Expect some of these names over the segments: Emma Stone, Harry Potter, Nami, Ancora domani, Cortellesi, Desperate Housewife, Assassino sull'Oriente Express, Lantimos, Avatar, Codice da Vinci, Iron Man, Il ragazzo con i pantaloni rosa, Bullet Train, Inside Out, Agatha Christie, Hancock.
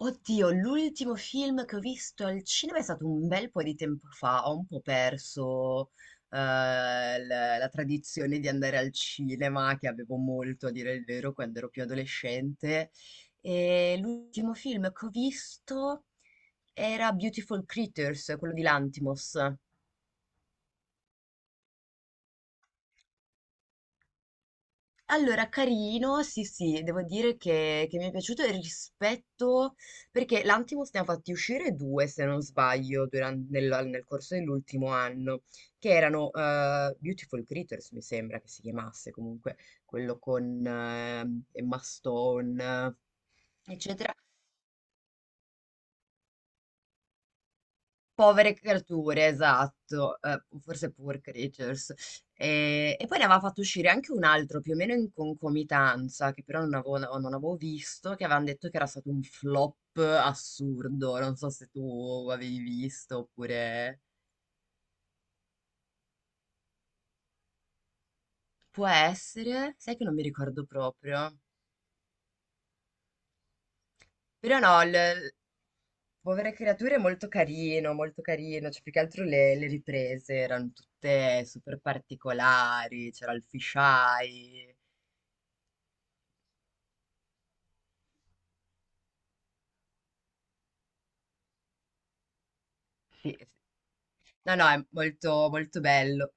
Oddio, l'ultimo film che ho visto al cinema è stato un bel po' di tempo fa, ho un po' perso la tradizione di andare al cinema, che avevo molto a dire il vero quando ero più adolescente. E l'ultimo film che ho visto era Beautiful Creatures, quello di Lantimos. Allora, carino, sì, sì, devo dire che mi è piaciuto il rispetto, perché l'Antimos ne ha fatti uscire due, se non sbaglio, nel corso dell'ultimo anno, che erano Beautiful Creatures, mi sembra che si chiamasse comunque, quello con Emma Stone, eccetera, Povere creature, esatto, forse Poor Creatures. E poi ne aveva fatto uscire anche un altro più o meno in concomitanza, che però non avevo visto, che avevano detto che era stato un flop assurdo. Non so se tu avevi visto oppure. Può essere, sai che non mi ricordo proprio. Però no, Povere creature è molto carino, cioè più che altro le riprese erano tutte super particolari, c'era il fisheye. Sì. No, no, è molto, molto bello.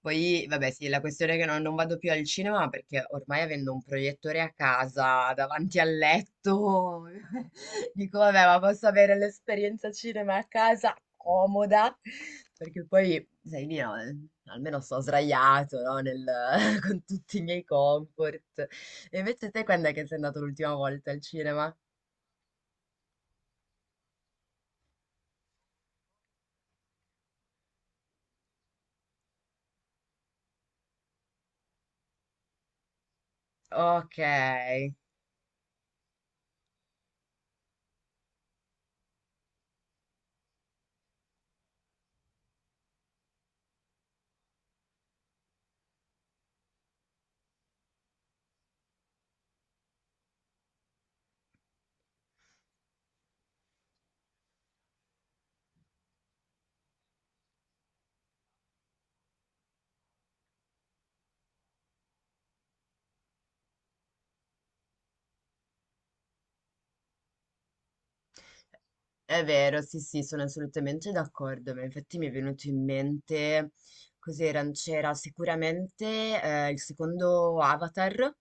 Poi, vabbè, sì, la questione è che non vado più al cinema perché ormai avendo un proiettore a casa davanti al letto, dico, vabbè, ma posso avere l'esperienza cinema a casa comoda, perché poi, sai, lì, no, almeno sto sdraiato, no, con tutti i miei comfort. E invece te quando è che sei andato l'ultima volta al cinema? Ok. È vero, sì, sì, sono assolutamente d'accordo, ma infatti mi è venuto in mente, cos'era, c'era sicuramente il secondo Avatar,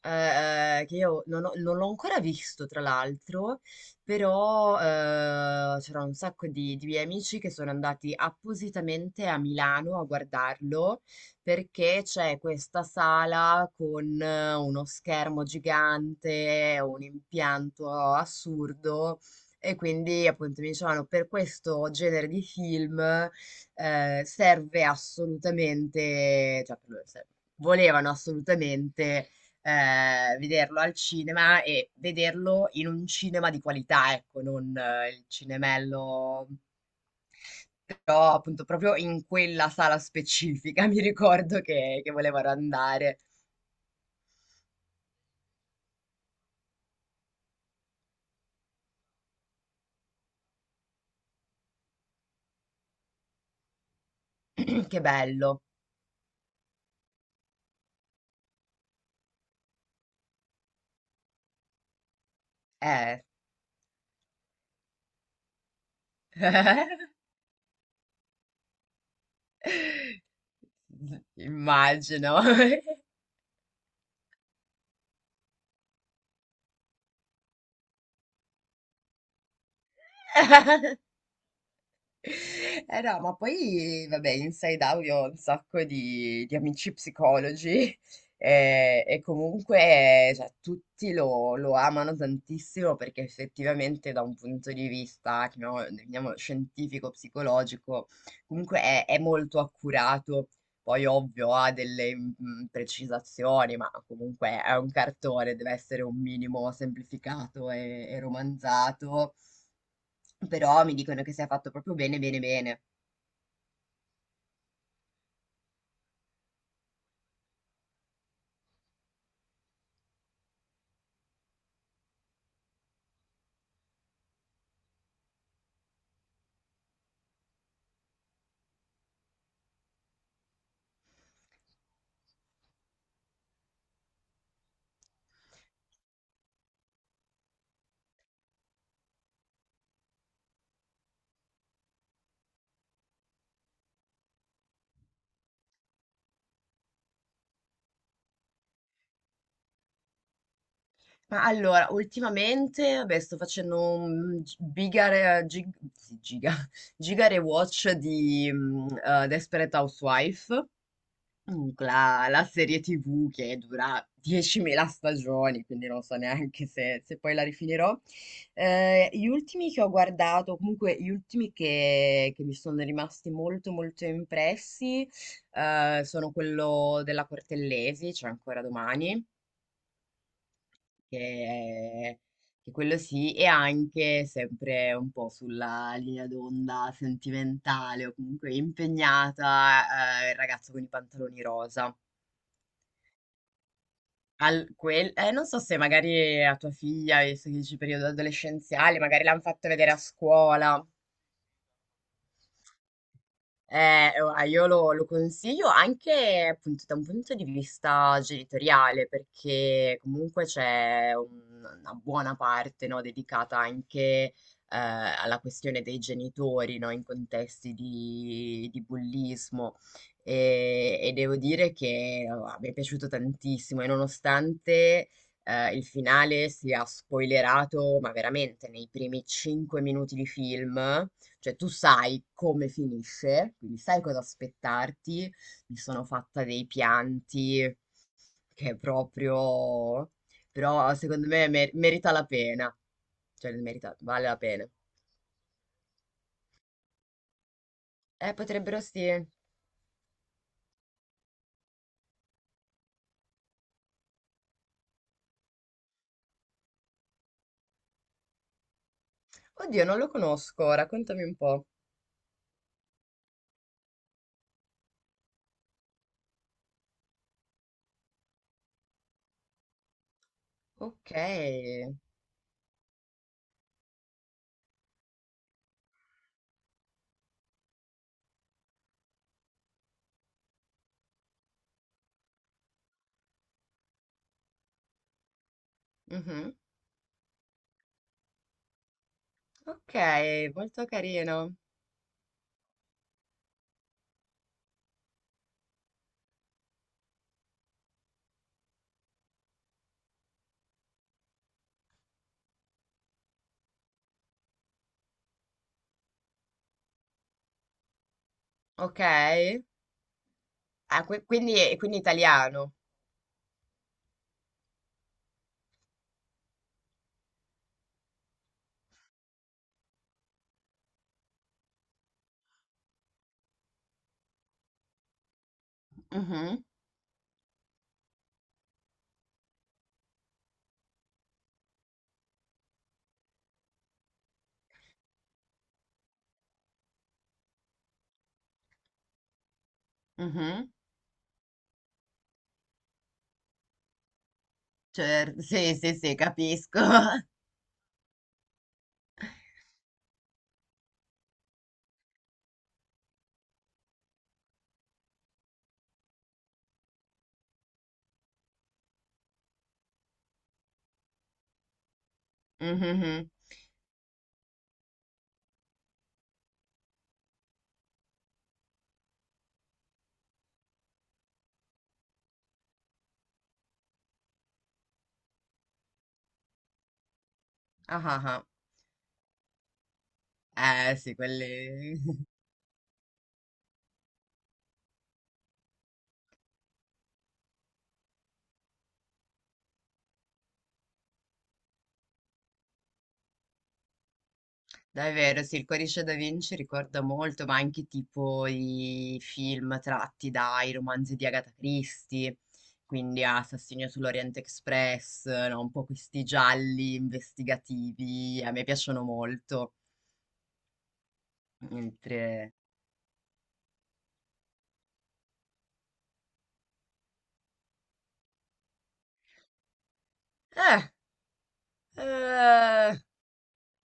che io non l'ho ancora visto tra l'altro, però, c'era un sacco di miei amici che sono andati appositamente a Milano a guardarlo, perché c'è questa sala con uno schermo gigante, un impianto assurdo e quindi appunto mi dicevano per questo genere di film, serve assolutamente, cioè per loro volevano assolutamente vederlo al cinema e vederlo in un cinema di qualità, ecco, non il cinemello però appunto proprio in quella sala specifica mi ricordo che volevano andare. Che bello. Eh, immagino. Eh no, ma poi vabbè, Inside Out io ho un sacco di amici psicologi e comunque cioè, tutti lo amano tantissimo perché effettivamente da un punto di vista, chiamiamolo, definiamolo scientifico, psicologico, comunque è molto accurato. Poi ovvio ha delle precisazioni, ma comunque è un cartone, deve essere un minimo semplificato e romanzato. Però mi dicono che sia fatto proprio bene, bene, bene. Ma allora, ultimamente, vabbè, sto facendo un gi- bigare, gig, sì, giga, gigare watch di Desperate Housewife. Comunque la serie TV che dura 10.000 stagioni, quindi non so neanche se poi la rifinirò. Gli ultimi che ho guardato, comunque gli ultimi che mi sono rimasti molto molto impressi, sono quello della Cortellesi, cioè ancora domani, che, che quello sì, e anche sempre un po' sulla linea d'onda sentimentale o comunque impegnata, il ragazzo con i pantaloni rosa. Al quel Non so se magari a tua figlia, visto che dici periodo adolescenziale, magari l'han fatto vedere a scuola. Ora, io lo consiglio anche appunto da un punto di vista genitoriale, perché comunque c'è una buona parte, no, dedicata anche alla questione dei genitori, no, in contesti di bullismo. E devo dire che mi è piaciuto tantissimo, e nonostante il finale sia spoilerato, ma veramente nei primi 5 minuti di film. Cioè, tu sai come finisce, quindi sai cosa aspettarti. Mi sono fatta dei pianti che è proprio. Però secondo me merita la pena. Cioè, merita, vale la pena. Potrebbero sì. Oddio, non lo conosco, raccontami un po'. Ok. Mhm. Ok, molto carino. Ok. Ah, quindi italiano. Mhm, mhm. Certo, sì, sì, sì, capisco. Mhm. Ah, ah, ah. Eh sì, quelli. Davvero, sì, il Codice da Vinci ricorda molto, ma anche tipo i film tratti dai romanzi di Agatha Christie, quindi Assassino sull'Oriente Express, no? Un po' questi gialli investigativi, a me piacciono molto. Mentre. Eh, eh,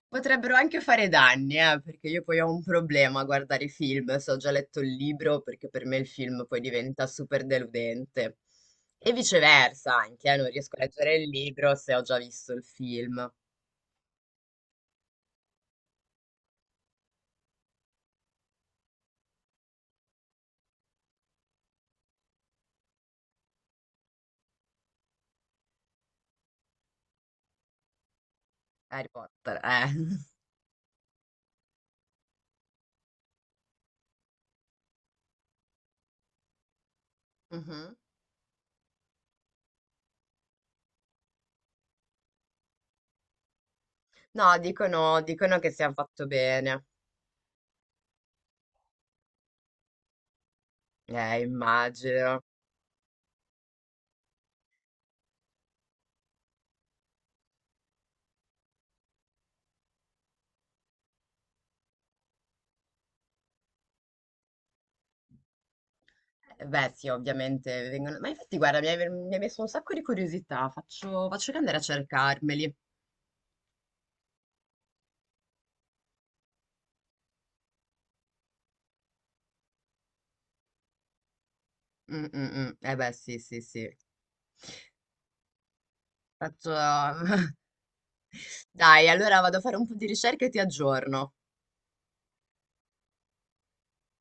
Potrebbero anche fare danni, perché io poi ho un problema a guardare i film, se ho già letto il libro, perché per me il film poi diventa super deludente. E viceversa, anche, non riesco a leggere il libro se ho già visto il film. Harry Potter, eh. Mhm. No, dicono che sia fatto bene. Immagino. Beh, sì, ovviamente vengono. Ma infatti, guarda, mi hai messo un sacco di curiosità. Faccio che andare a cercarmeli. Mm, mm, mm. Eh beh, sì, sì, sì. Faccio. Dai, allora vado a fare un po' di ricerca e ti aggiorno.